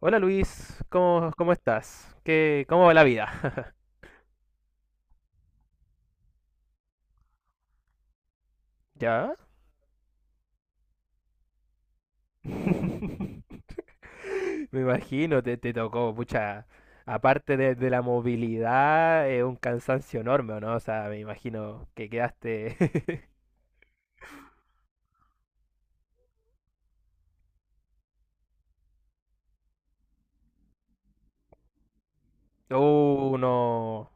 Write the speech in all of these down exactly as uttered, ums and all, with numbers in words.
Hola Luis, ¿cómo, cómo estás? ¿Qué, cómo va la vida? ¿Ya? Me imagino, te, te tocó, pucha, aparte de, de la movilidad, es un cansancio enorme, ¿o ¿no? O sea, me imagino que quedaste... Uh, no,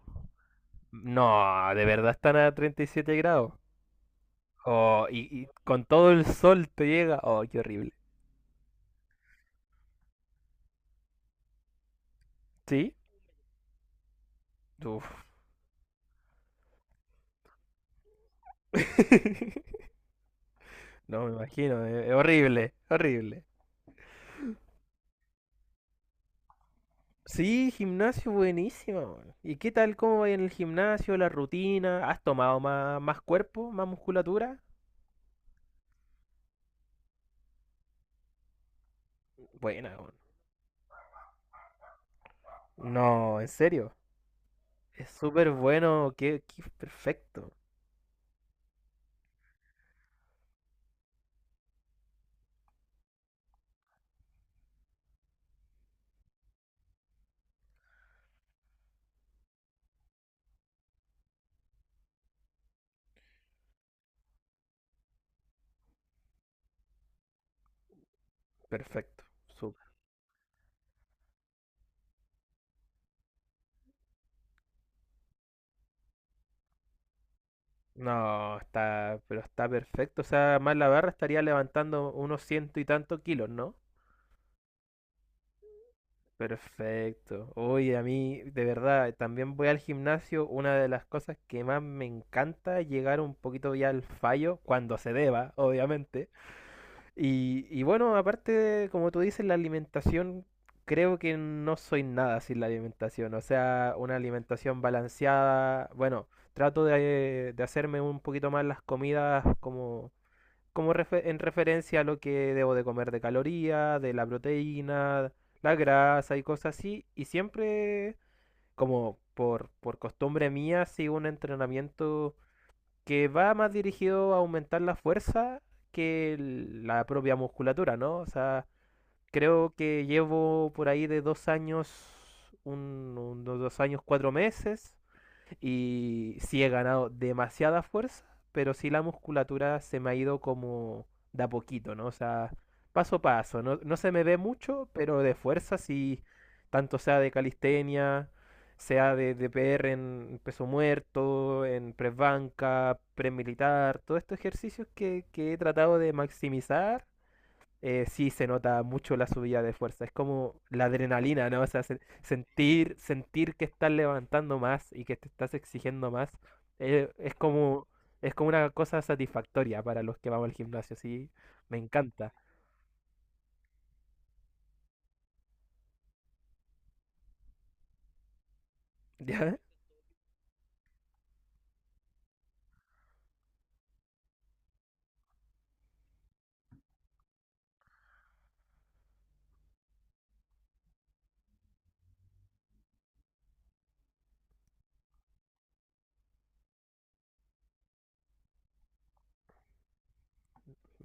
no, ¿de verdad están a treinta y siete grados? Oh, y, y con todo el sol te llega, oh, qué horrible. ¿Sí? Uf. No, me imagino, es horrible, horrible. Sí, gimnasio buenísima, weón. ¿Y qué tal? ¿Cómo va en el gimnasio? ¿La rutina? ¿Has tomado más, más cuerpo? ¿Más musculatura? Buena, weón. No, en serio. Es súper bueno. Qué, qué perfecto. Perfecto. Súper. No, está, pero está perfecto. O sea, más la barra estaría levantando unos ciento y tantos kilos, ¿no? Perfecto. Oye, a mí, de verdad, también voy al gimnasio. Una de las cosas que más me encanta es llegar un poquito ya al fallo, cuando se deba, obviamente. Y, y bueno, aparte, de, como tú dices, la alimentación, creo que no soy nada sin la alimentación. O sea, una alimentación balanceada. Bueno, trato de, de hacerme un poquito más las comidas como como refe- en referencia a lo que debo de comer de calorías, de la proteína, la grasa y cosas así. Y siempre, como por, por costumbre mía, sigo un entrenamiento que va más dirigido a aumentar la fuerza que el- la propia musculatura, ¿no? O sea, creo que llevo por ahí de dos años, un, unos dos años, cuatro meses y sí he ganado demasiada fuerza, pero sí la musculatura se me ha ido como de a poquito, ¿no? O sea, paso a paso. No, no se me ve mucho, pero de fuerza sí, tanto sea de calistenia, sea de, de P R en peso muerto, en press banca, press militar, todos estos ejercicios que, que he tratado de maximizar eh, sí se nota mucho la subida de fuerza. Es como la adrenalina, ¿no? O sea, se- sentir, sentir que estás levantando más y que te estás exigiendo más, eh, es como, es como una cosa satisfactoria para los que vamos al gimnasio, sí, me encanta. ¿Ya?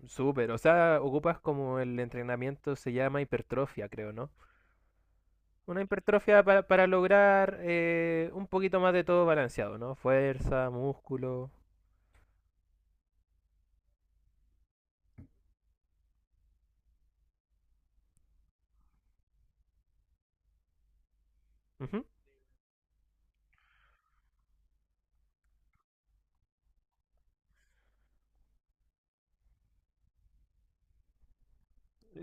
Súper, o sea, ocupas como el entrenamiento se llama hipertrofia, creo, ¿no? Una hipertrofia para, para lograr eh, un poquito más de todo balanceado, ¿no? Fuerza, músculo. Ujú.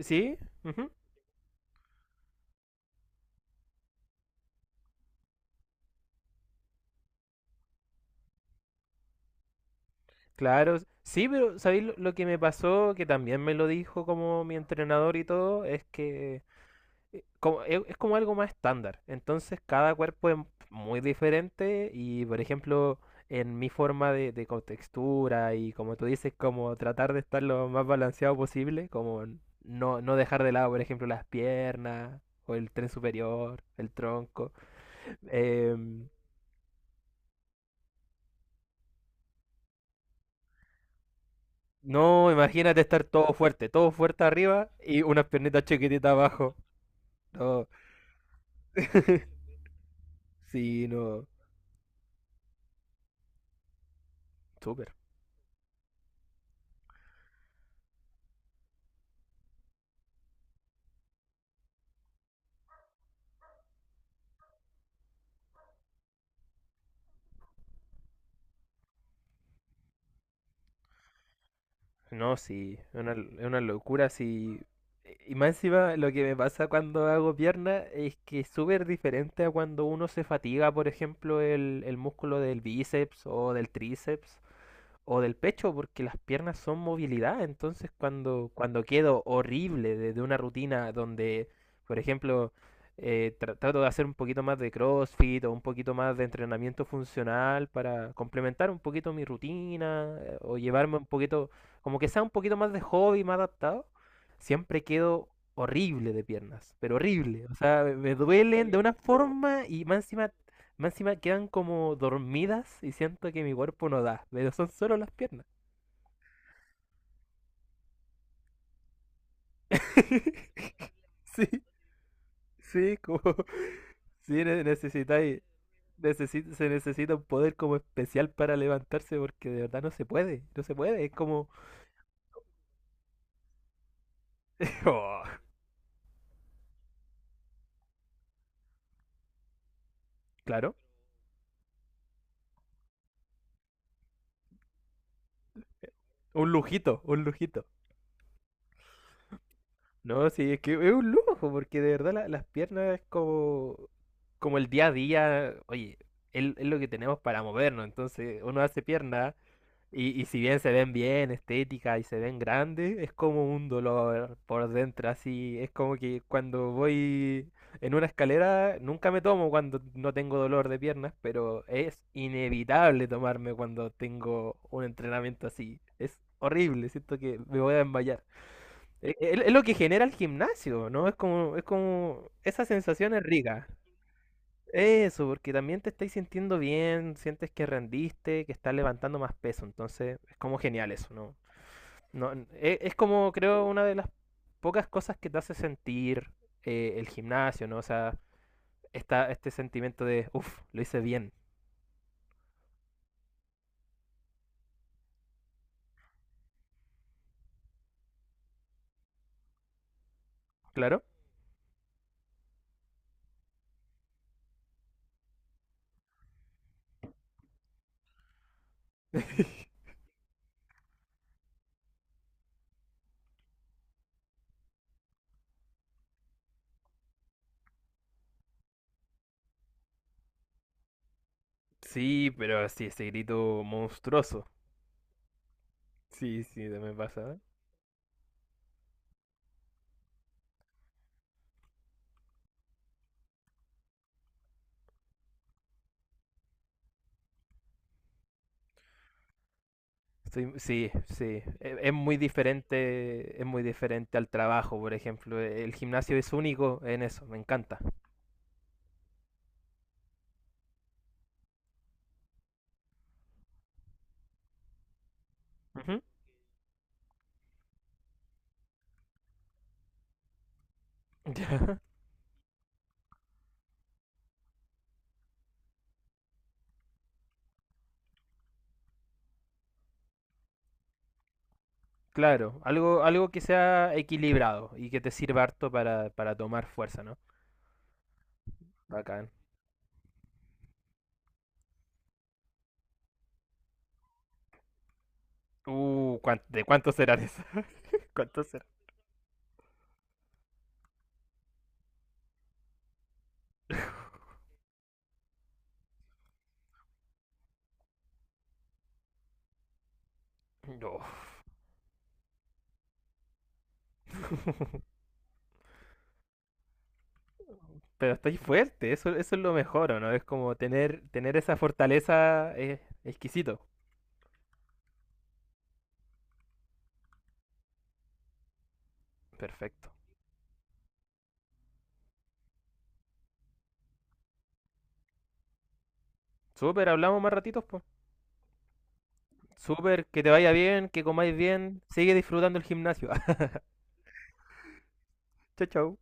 ¿Sí? Ujú. Claro, sí, pero ¿sabéis lo, lo que me pasó? Que también me lo dijo como mi entrenador y todo, es que eh, como, es, es como algo más estándar. Entonces cada cuerpo es muy diferente y, por ejemplo, en mi forma de, de contextura y como tú dices, como tratar de estar lo más balanceado posible, como n- no, no dejar de lado, por ejemplo, las piernas o el tren superior, el tronco. em, no, imagínate estar todo fuerte, todo fuerte arriba y unas piernitas chiquititas abajo. No. Sí, no. Súper. No, sí. Es una, es una locura, sí. Y más encima, lo que me pasa cuando hago pierna es que es súper diferente a cuando uno se fatiga, por ejemplo, el, el músculo del bíceps o del tríceps. O del pecho, porque las piernas son movilidad. Entonces, cuando, cuando quedo horrible de, de una rutina donde, por ejemplo, eh, tra- trato de hacer un poquito más de CrossFit o un poquito más de entrenamiento funcional para complementar un poquito mi rutina eh, o llevarme un poquito, como que sea un poquito más de hobby, más adaptado, siempre quedo horrible de piernas, pero horrible. O sea, me me duelen de una forma y más encima más encima quedan como dormidas y siento que mi cuerpo no da, pero son solo las piernas. Sí, sí, como... Sí, ne- necesitáis... necesi- Se necesita un poder como especial para levantarse porque de verdad no se puede, no se puede, es como... Oh, claro, un lujito, un lujito. No, sí, es que es un lujo porque de verdad la- las piernas es como... Como el día a día, oye, es, es lo que tenemos para movernos, entonces uno hace pierna. Y, y si bien se ven bien, estética y se ven grandes, es como un dolor por dentro, así. Es como que cuando voy en una escalera, nunca me tomo cuando no tengo dolor de piernas, pero es inevitable tomarme cuando tengo un entrenamiento así. Es horrible, siento que me voy a desmayar. E- e- Es lo que genera el gimnasio, ¿no? Es como, es como, esa sensación es rica. Eso, porque también te estáis sintiendo bien, sientes que rendiste, que estás levantando más peso, entonces es como genial eso, ¿no? No, n- e- es como creo una de las pocas cosas que te hace sentir eh, el gimnasio, ¿no? O sea, esta, este sentimiento de, uff, lo hice bien, claro. Sí, pero sí, ese grito monstruoso. Sí, sí, me pasa. Sí, sí, sí. e- Es muy diferente, es muy diferente al trabajo, por ejemplo. e, El gimnasio es único en eso, me encanta. Ya. Claro, algo, algo que sea equilibrado y que te sirva harto para, para tomar fuerza, ¿no? Bacán. Uh, ¿cuán- ¿de cuánto serán esas? ¿Cuánto serán? No. Pero estoy fuerte, eso, eso es lo mejor, ¿o no? Es como tener, tener esa fortaleza es exquisito. Perfecto. Súper, hablamos más ratitos, pues. Súper, que te vaya bien, que comáis bien. Sigue disfrutando el gimnasio. Chau, chao.